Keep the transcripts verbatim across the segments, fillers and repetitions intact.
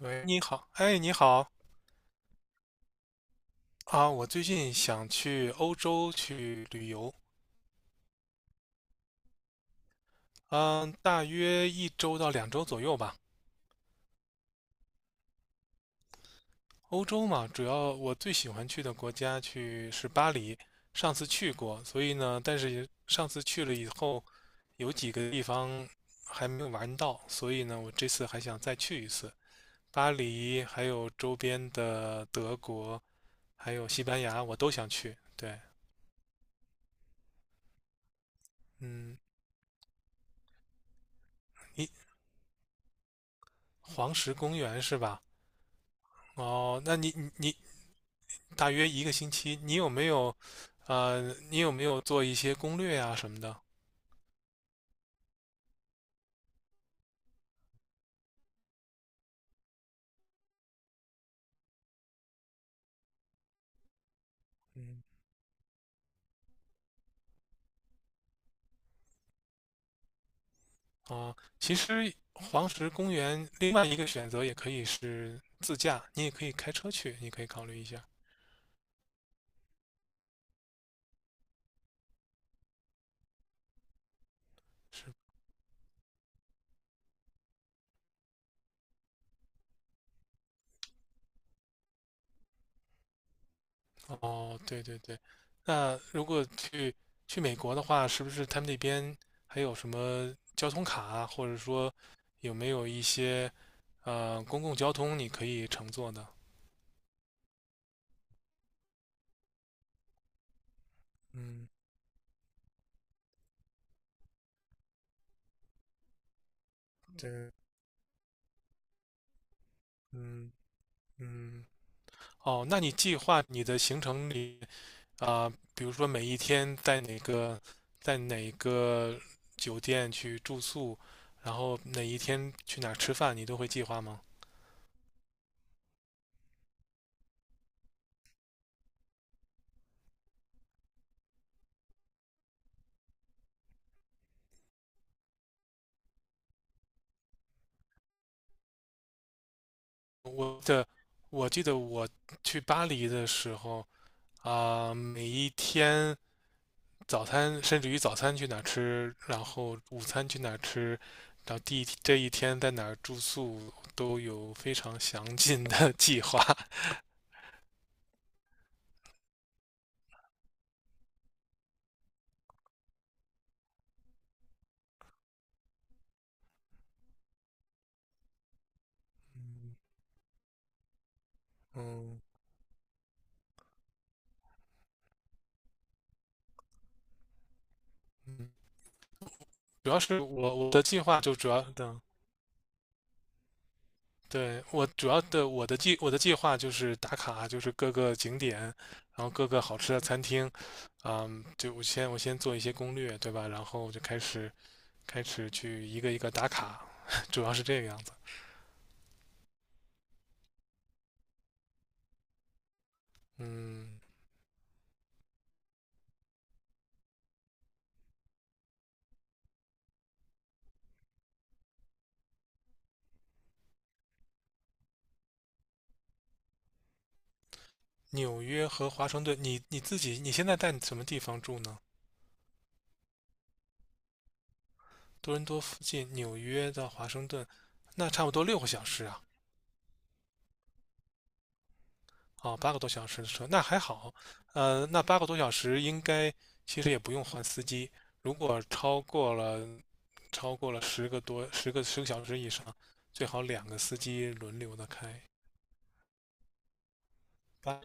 喂，你好，哎，你好。啊，我最近想去欧洲去旅游，嗯，大约一周到两周左右吧。欧洲嘛，主要我最喜欢去的国家去是巴黎，上次去过，所以呢，但是上次去了以后，有几个地方还没有玩到，所以呢，我这次还想再去一次。巴黎，还有周边的德国，还有西班牙，我都想去。对，嗯，你黄石公园是吧？哦，那你你你大约一个星期，你有没有，呃，你有没有做一些攻略呀、什么的？嗯，哦，其实黄石公园另外一个选择也可以是自驾，你也可以开车去，你可以考虑一下。是。哦，对对对。那如果去去美国的话，是不是他们那边还有什么交通卡啊或者说有没有一些呃公共交通你可以乘坐的？嗯，对，嗯。嗯。哦，那你计划你的行程里啊，比如说每一天在哪个在哪个酒店去住宿，然后哪一天去哪儿吃饭，你都会计划吗？我的，我记得我去巴黎的时候啊，每一天早餐，甚至于早餐去哪儿吃，然后午餐去哪儿吃，然后第一这一天在哪儿住宿，都有非常详尽的 计划。嗯。嗯。主要是我我的计划就主要的对，我主要的我的计我的计划就是打卡，就是各个景点，然后各个好吃的餐厅，嗯，就我先我先做一些攻略，对吧？然后就开始开始去一个一个打卡，主要是这个样子。嗯，纽约和华盛顿，你你自己你现在在什么地方住呢？多伦多附近，纽约到华盛顿，那差不多六个小时啊。哦，八个多小时的车，那还好。呃，那八个多小时应该其实也不用换司机。如果超过了超过了十个多十个十个小时以上，最好两个司机轮流的开。八，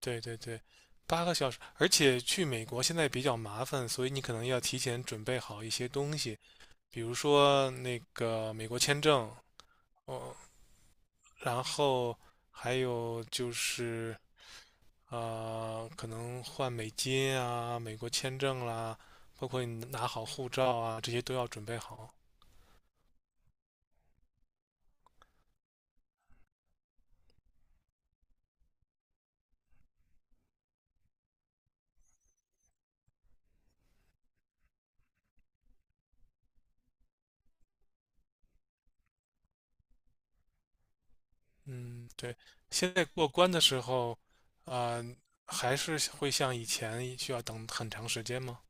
对对对，八个小时。而且去美国现在比较麻烦，所以你可能要提前准备好一些东西，比如说那个美国签证，哦，然后还有就是呃，可能换美金啊、美国签证啦，包括你拿好护照啊，这些都要准备好。嗯，对，现在过关的时候，啊、还是会像以前需要等很长时间吗？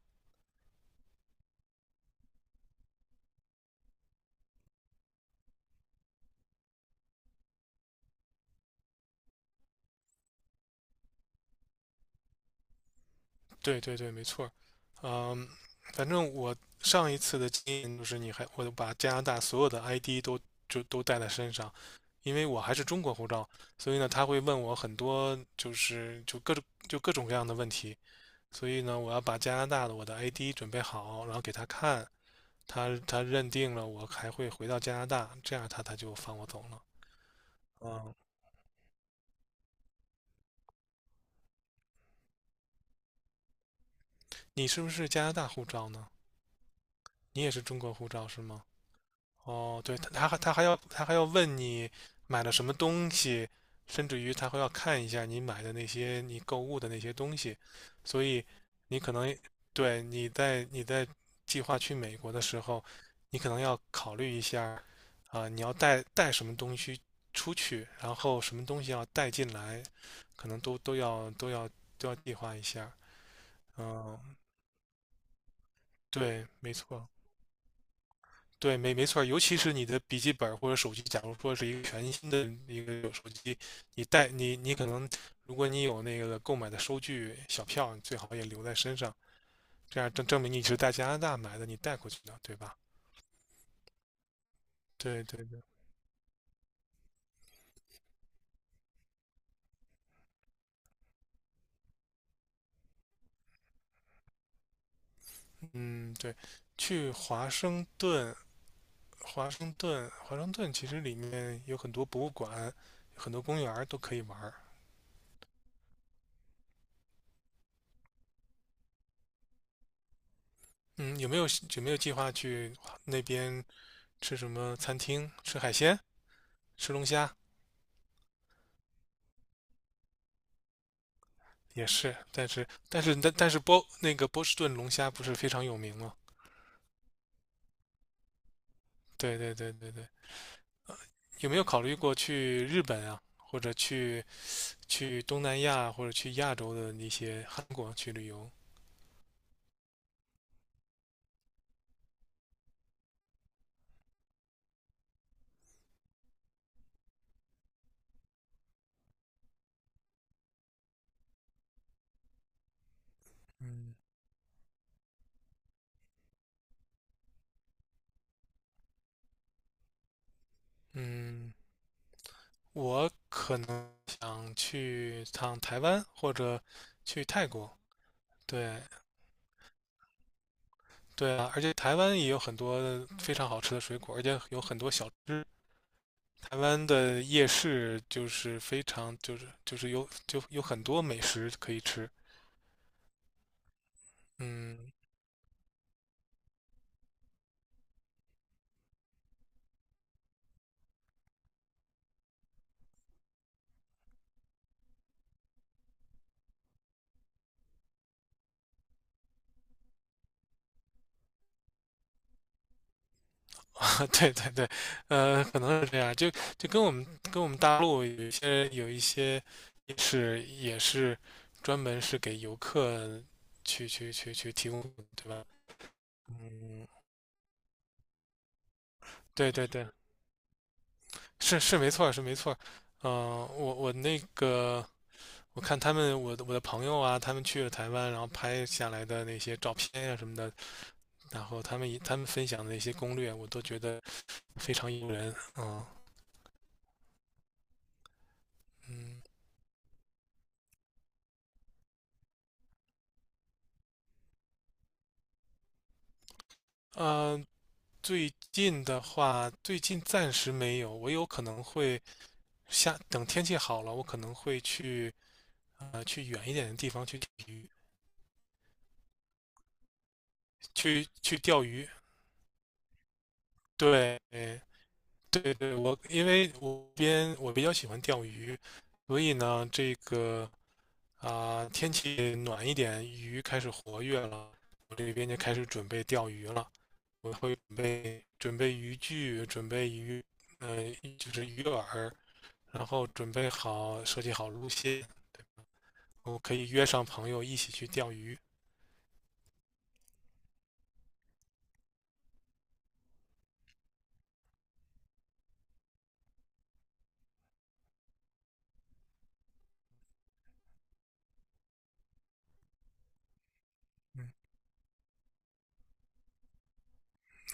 对对对，没错儿。嗯，反正我上一次的经验就是，你还我把加拿大所有的 I D 都就都带在身上，因为我还是中国护照，所以呢，他会问我很多就是就各种就各种各样的问题。所以呢，我要把加拿大的我的 I D 准备好，然后给他看，他他认定了我还会回到加拿大，这样他他就放我走了。嗯，你是不是加拿大护照呢？你也是中国护照是吗？哦，对，他他还他还要他还要问你买了什么东西，甚至于他会要看一下你买的那些你购物的那些东西，所以你可能对你在你在计划去美国的时候，你可能要考虑一下啊，你要带带什么东西出去，然后什么东西要带进来，可能都都要都要都要计划一下。嗯，对，没错。对，没没错儿。尤其是你的笔记本或者手机，假如说是一个全新的一个手机，你带你你可能，如果你有那个购买的收据小票，你最好也留在身上，这样证证明你是在加拿大买的，你带过去的，对吧？对对对，嗯对，去华盛顿，华盛顿，华盛顿其实里面有很多博物馆，很多公园儿都可以玩儿。嗯，有没有有没有计划去那边吃什么餐厅？吃海鲜？吃龙虾？也是，但是但是但但是波那个波士顿龙虾不是非常有名吗？对对对对对，呃，有没有考虑过去日本啊，或者去去东南亚，或者去亚洲的那些韩国去旅游？嗯。嗯，我可能想去趟台湾或者去泰国。对，对啊，而且台湾也有很多非常好吃的水果，而且有很多小吃。台湾的夜市就是非常就是就是有就有很多美食可以吃，嗯，对对对，呃，可能是这样，就就跟我们跟我们大陆有一些有一些夜市也是专门是给游客去去去去提供的对吧？嗯，对对对，是是没错是没错，嗯、我我那个我看他们我的我的朋友啊，他们去了台湾，然后拍下来的那些照片呀、什么的，然后他们也他们分享的一些攻略，我都觉得非常诱人啊，嗯。啊。呃最近的话，最近暂时没有，我有可能会下，等天气好了，我可能会去呃去远一点的地方去钓鱼，去去钓鱼。对，对对，我因为我边我比较喜欢钓鱼，所以呢，这个啊、天气暖一点，鱼开始活跃了，我这边就开始准备钓鱼了。我会准备准备渔具，准备鱼，呃，就是鱼饵，然后准备好设计好路线，对，我可以约上朋友一起去钓鱼。嗯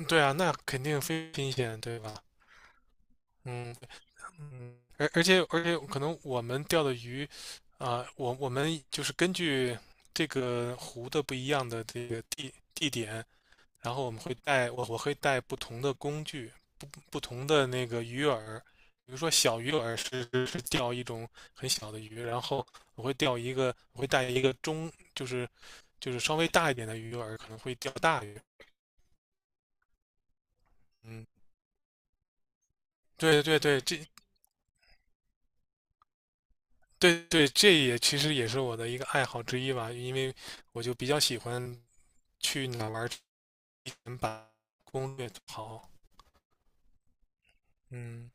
对啊，那肯定非常新鲜，对吧？嗯。嗯，而而且而且可能我们钓的鱼，啊、我我们就是根据这个湖的不一样的这个地地点，然后我们会带我我会带不同的工具，不同的那个鱼饵，比如说小鱼饵是是钓一种很小的鱼，然后我会钓一个，我会带一个中就是就是稍微大一点的鱼饵，可能会钓大鱼。嗯，对对对，这对对，这也其实也是我的一个爱好之一吧，因为我就比较喜欢去哪玩儿全把攻略做好。嗯，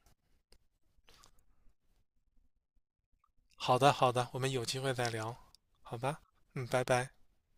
好的好的，我们有机会再聊，好吧？嗯，拜拜。